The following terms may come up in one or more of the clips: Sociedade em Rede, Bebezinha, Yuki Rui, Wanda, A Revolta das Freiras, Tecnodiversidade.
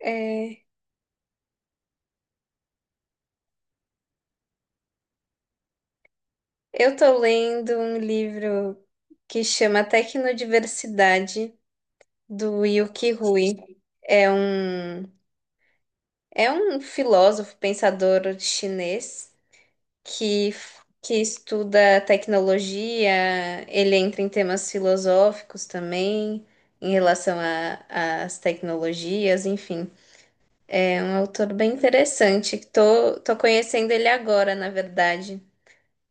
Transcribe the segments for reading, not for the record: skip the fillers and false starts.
É, eu tô lendo um livro que chama Tecnodiversidade, do Yuki Rui. É um, é um filósofo, pensador chinês que, que estuda tecnologia. Ele entra em temas filosóficos também, em relação às tecnologias, enfim. É um autor bem interessante, que tô conhecendo ele agora, na verdade.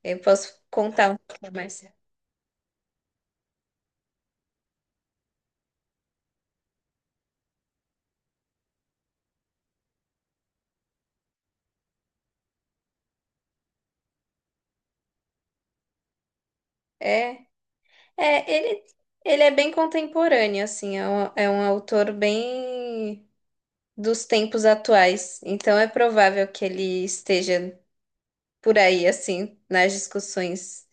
Eu posso contar um pouco mais. É. É, ele, ele é bem contemporâneo, assim, é um autor bem dos tempos atuais. Então é provável que ele esteja por aí, assim, nas discussões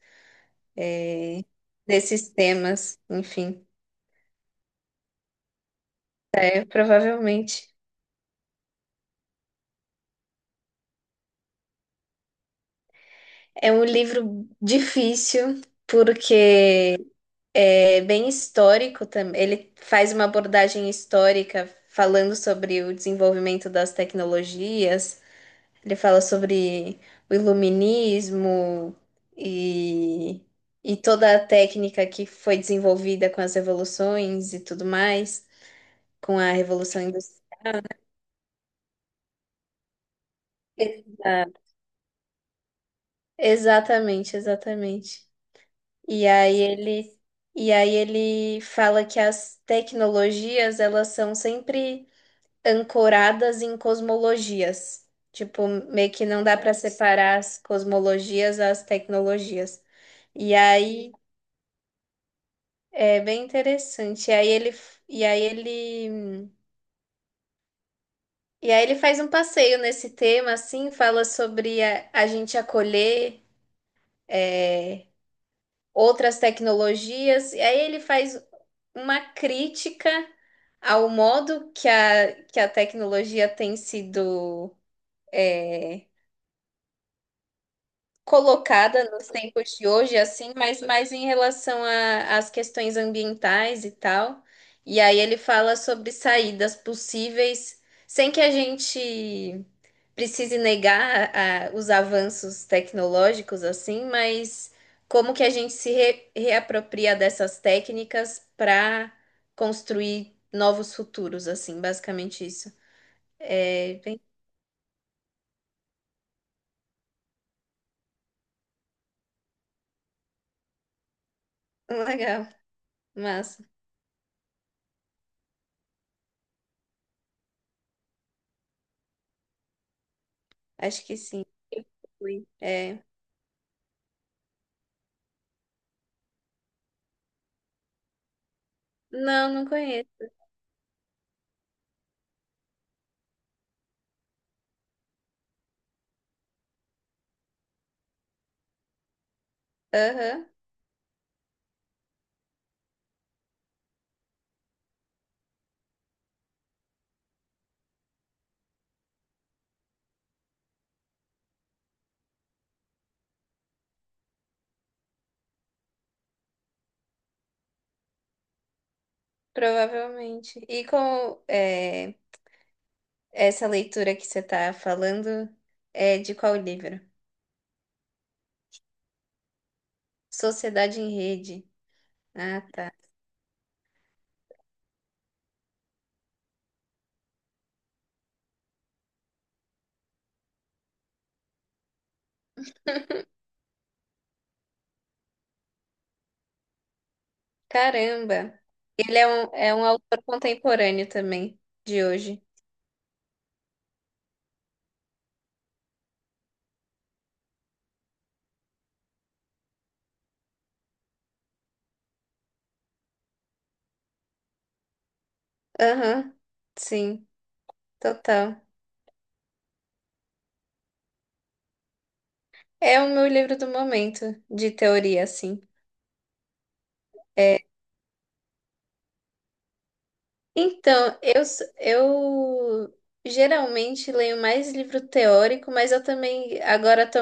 desses temas. Enfim, é provavelmente. É um livro difícil, porque é bem histórico também. Ele faz uma abordagem histórica falando sobre o desenvolvimento das tecnologias. Ele fala sobre o iluminismo e, e toda a técnica que foi desenvolvida com as revoluções e tudo mais, com a Revolução Industrial. Exato. Exatamente, exatamente. E aí ele, e aí ele fala que as tecnologias, elas são sempre ancoradas em cosmologias. Tipo, meio que não dá para separar as cosmologias às tecnologias. E aí é bem interessante. E aí ele, e aí ele faz um passeio nesse tema, assim, fala sobre a gente acolher é, outras tecnologias. E aí ele faz uma crítica ao modo que que a tecnologia tem sido é, colocada nos tempos de hoje, assim, mas mais em relação às questões ambientais e tal. E aí ele fala sobre saídas possíveis, sem que a gente precise negar os avanços tecnológicos, assim, mas como que a gente se reapropria dessas técnicas para construir novos futuros, assim, basicamente isso. É bem legal, massa. Acho que sim. Fui. É. Não, não conheço. Aham, provavelmente. Essa leitura que você tá falando, é de qual livro? Sociedade em Rede. Ah, tá. Caramba! É um autor contemporâneo também, de hoje. Aham, sim, total. É o meu livro do momento, de teoria, assim. É, então eu geralmente leio mais livro teórico, mas eu também agora tô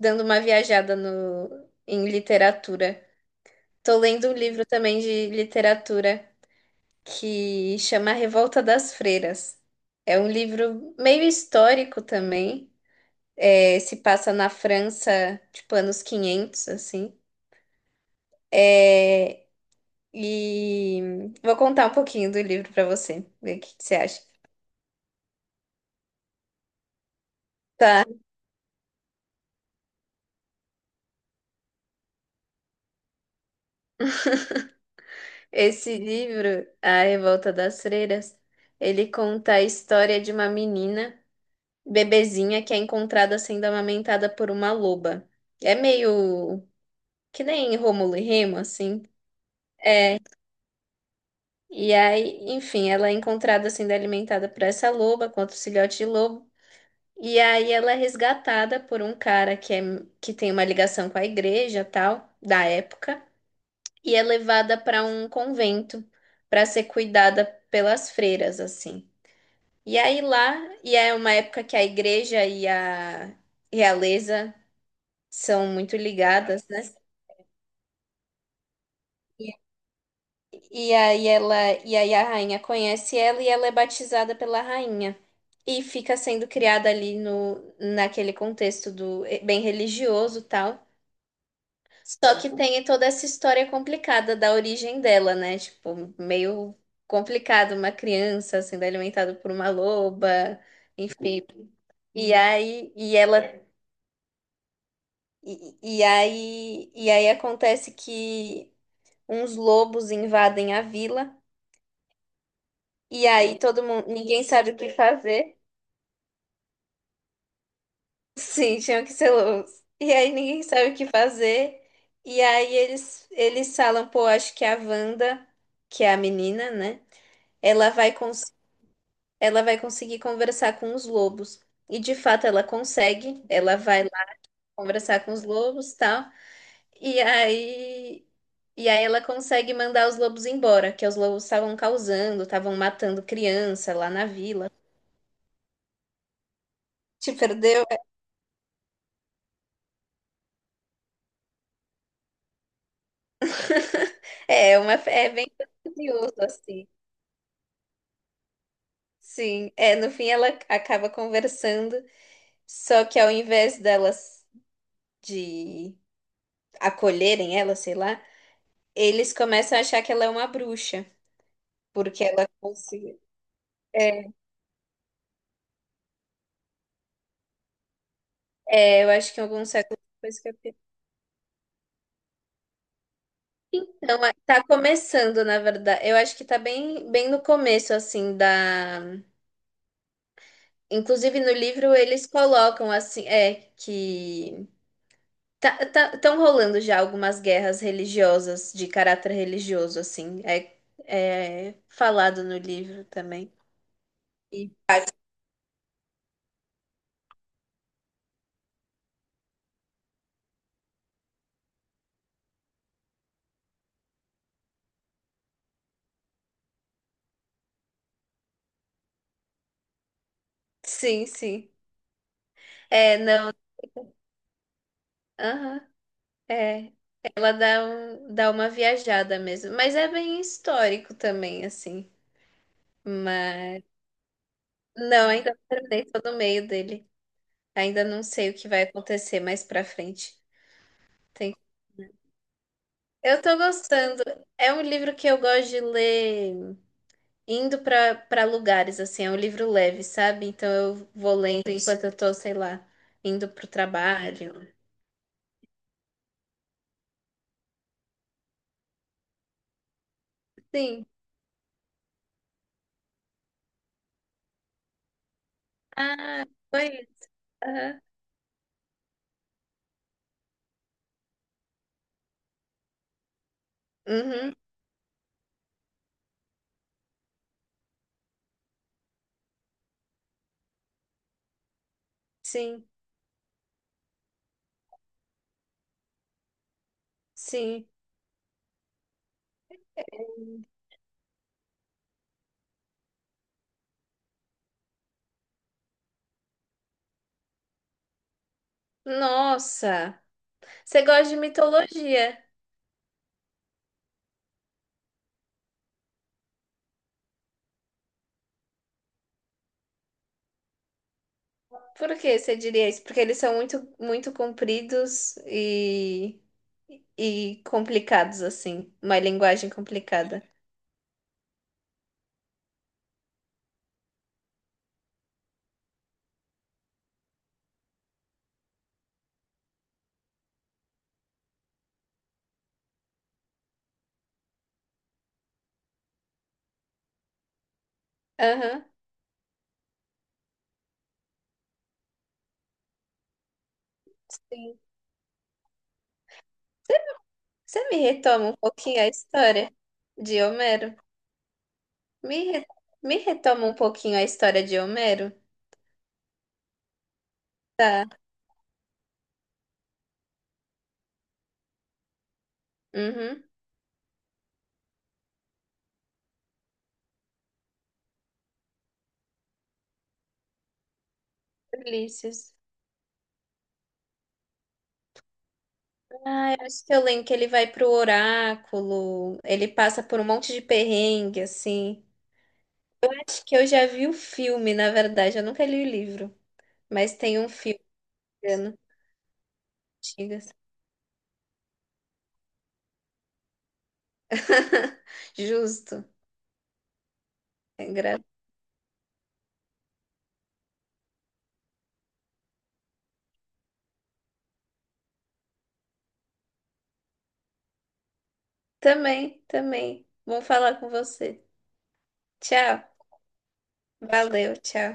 dando uma viajada no, em literatura. Tô lendo um livro também de literatura que chama A Revolta das Freiras. É um livro meio histórico também. É, se passa na França, tipo, anos 500 assim. É, e vou contar um pouquinho do livro para você, ver o que que você acha. Tá, esse livro, A Revolta das Freiras, ele conta a história de uma menina bebezinha que é encontrada sendo amamentada por uma loba. É meio que nem Rômulo e Remo, assim. E aí, enfim, ela é encontrada sendo alimentada por essa loba, com outro filhote de lobo. E aí ela é resgatada por um cara que tem uma ligação com a igreja, tal, da época, e é levada para um convento para ser cuidada pelas freiras, assim. E aí lá, e é uma época que a igreja e a realeza são muito ligadas, né? E, e aí ela, e aí a rainha conhece ela e ela é batizada pela rainha. E fica sendo criada ali no, naquele contexto do bem religioso e tal. Só que tem toda essa história complicada da origem dela, né? Tipo, meio complicado uma criança sendo alimentada por uma loba, enfim. E aí, e ela, e aí acontece que uns lobos invadem a vila. E aí todo mundo, ninguém sabe o que fazer. Sim, tinham que ser lobos. E aí ninguém sabe o que fazer. E aí eles falam, pô, acho que a Wanda, que é a menina, né? Ela vai cons ela vai conseguir conversar com os lobos. E de fato ela consegue. Ela vai lá conversar com os lobos, tal. E aí e aí ela consegue mandar os lobos embora, que os lobos estavam causando, estavam matando criança lá na vila. Te perdeu? É bem curioso, assim. Sim, é, no fim ela acaba conversando, só que ao invés delas de acolherem ela, sei lá, eles começam a achar que ela é uma bruxa, porque ela conseguiu. É, eu acho que em alguns séculos depois que eu... Então, é, tá começando, na verdade. Eu acho que tá bem, bem no começo, assim, da... Inclusive no livro eles colocam, assim, que... tá, tão rolando já algumas guerras religiosas, de caráter religioso, assim. É, é falado no livro também. E- Sim, sim. É, não. Aham, é. Dá uma viajada mesmo. Mas é bem histórico também, assim. Mas. Não, ainda não terminei, tô no meio dele. Ainda não sei o que vai acontecer mais pra frente. Tem... Eu tô gostando. É um livro que eu gosto de ler. Indo pra para lugares, assim, é um livro leve, sabe? Então eu vou lendo enquanto eu tô, sei lá, indo pro trabalho. Sim. Ah, foi isso. Aham. Uhum. Sim, sim. Nossa, você gosta de mitologia. Por que você diria isso? Porque eles são muito, muito compridos e complicados, assim. Uma linguagem complicada. Aham. Sim. Você me retoma um pouquinho a história de Homero? Me, re- me retoma um pouquinho a história de Homero. Uhum. Ulisses. Ah, eu acho que eu lembro que ele vai pro oráculo, ele passa por um monte de perrengue, assim. Acho que eu já vi o filme, na verdade, eu nunca li o livro, mas tem um filme, né, antigas. Justo, é engraçado. Também, também. Bom falar com você. Tchau, valeu, tchau.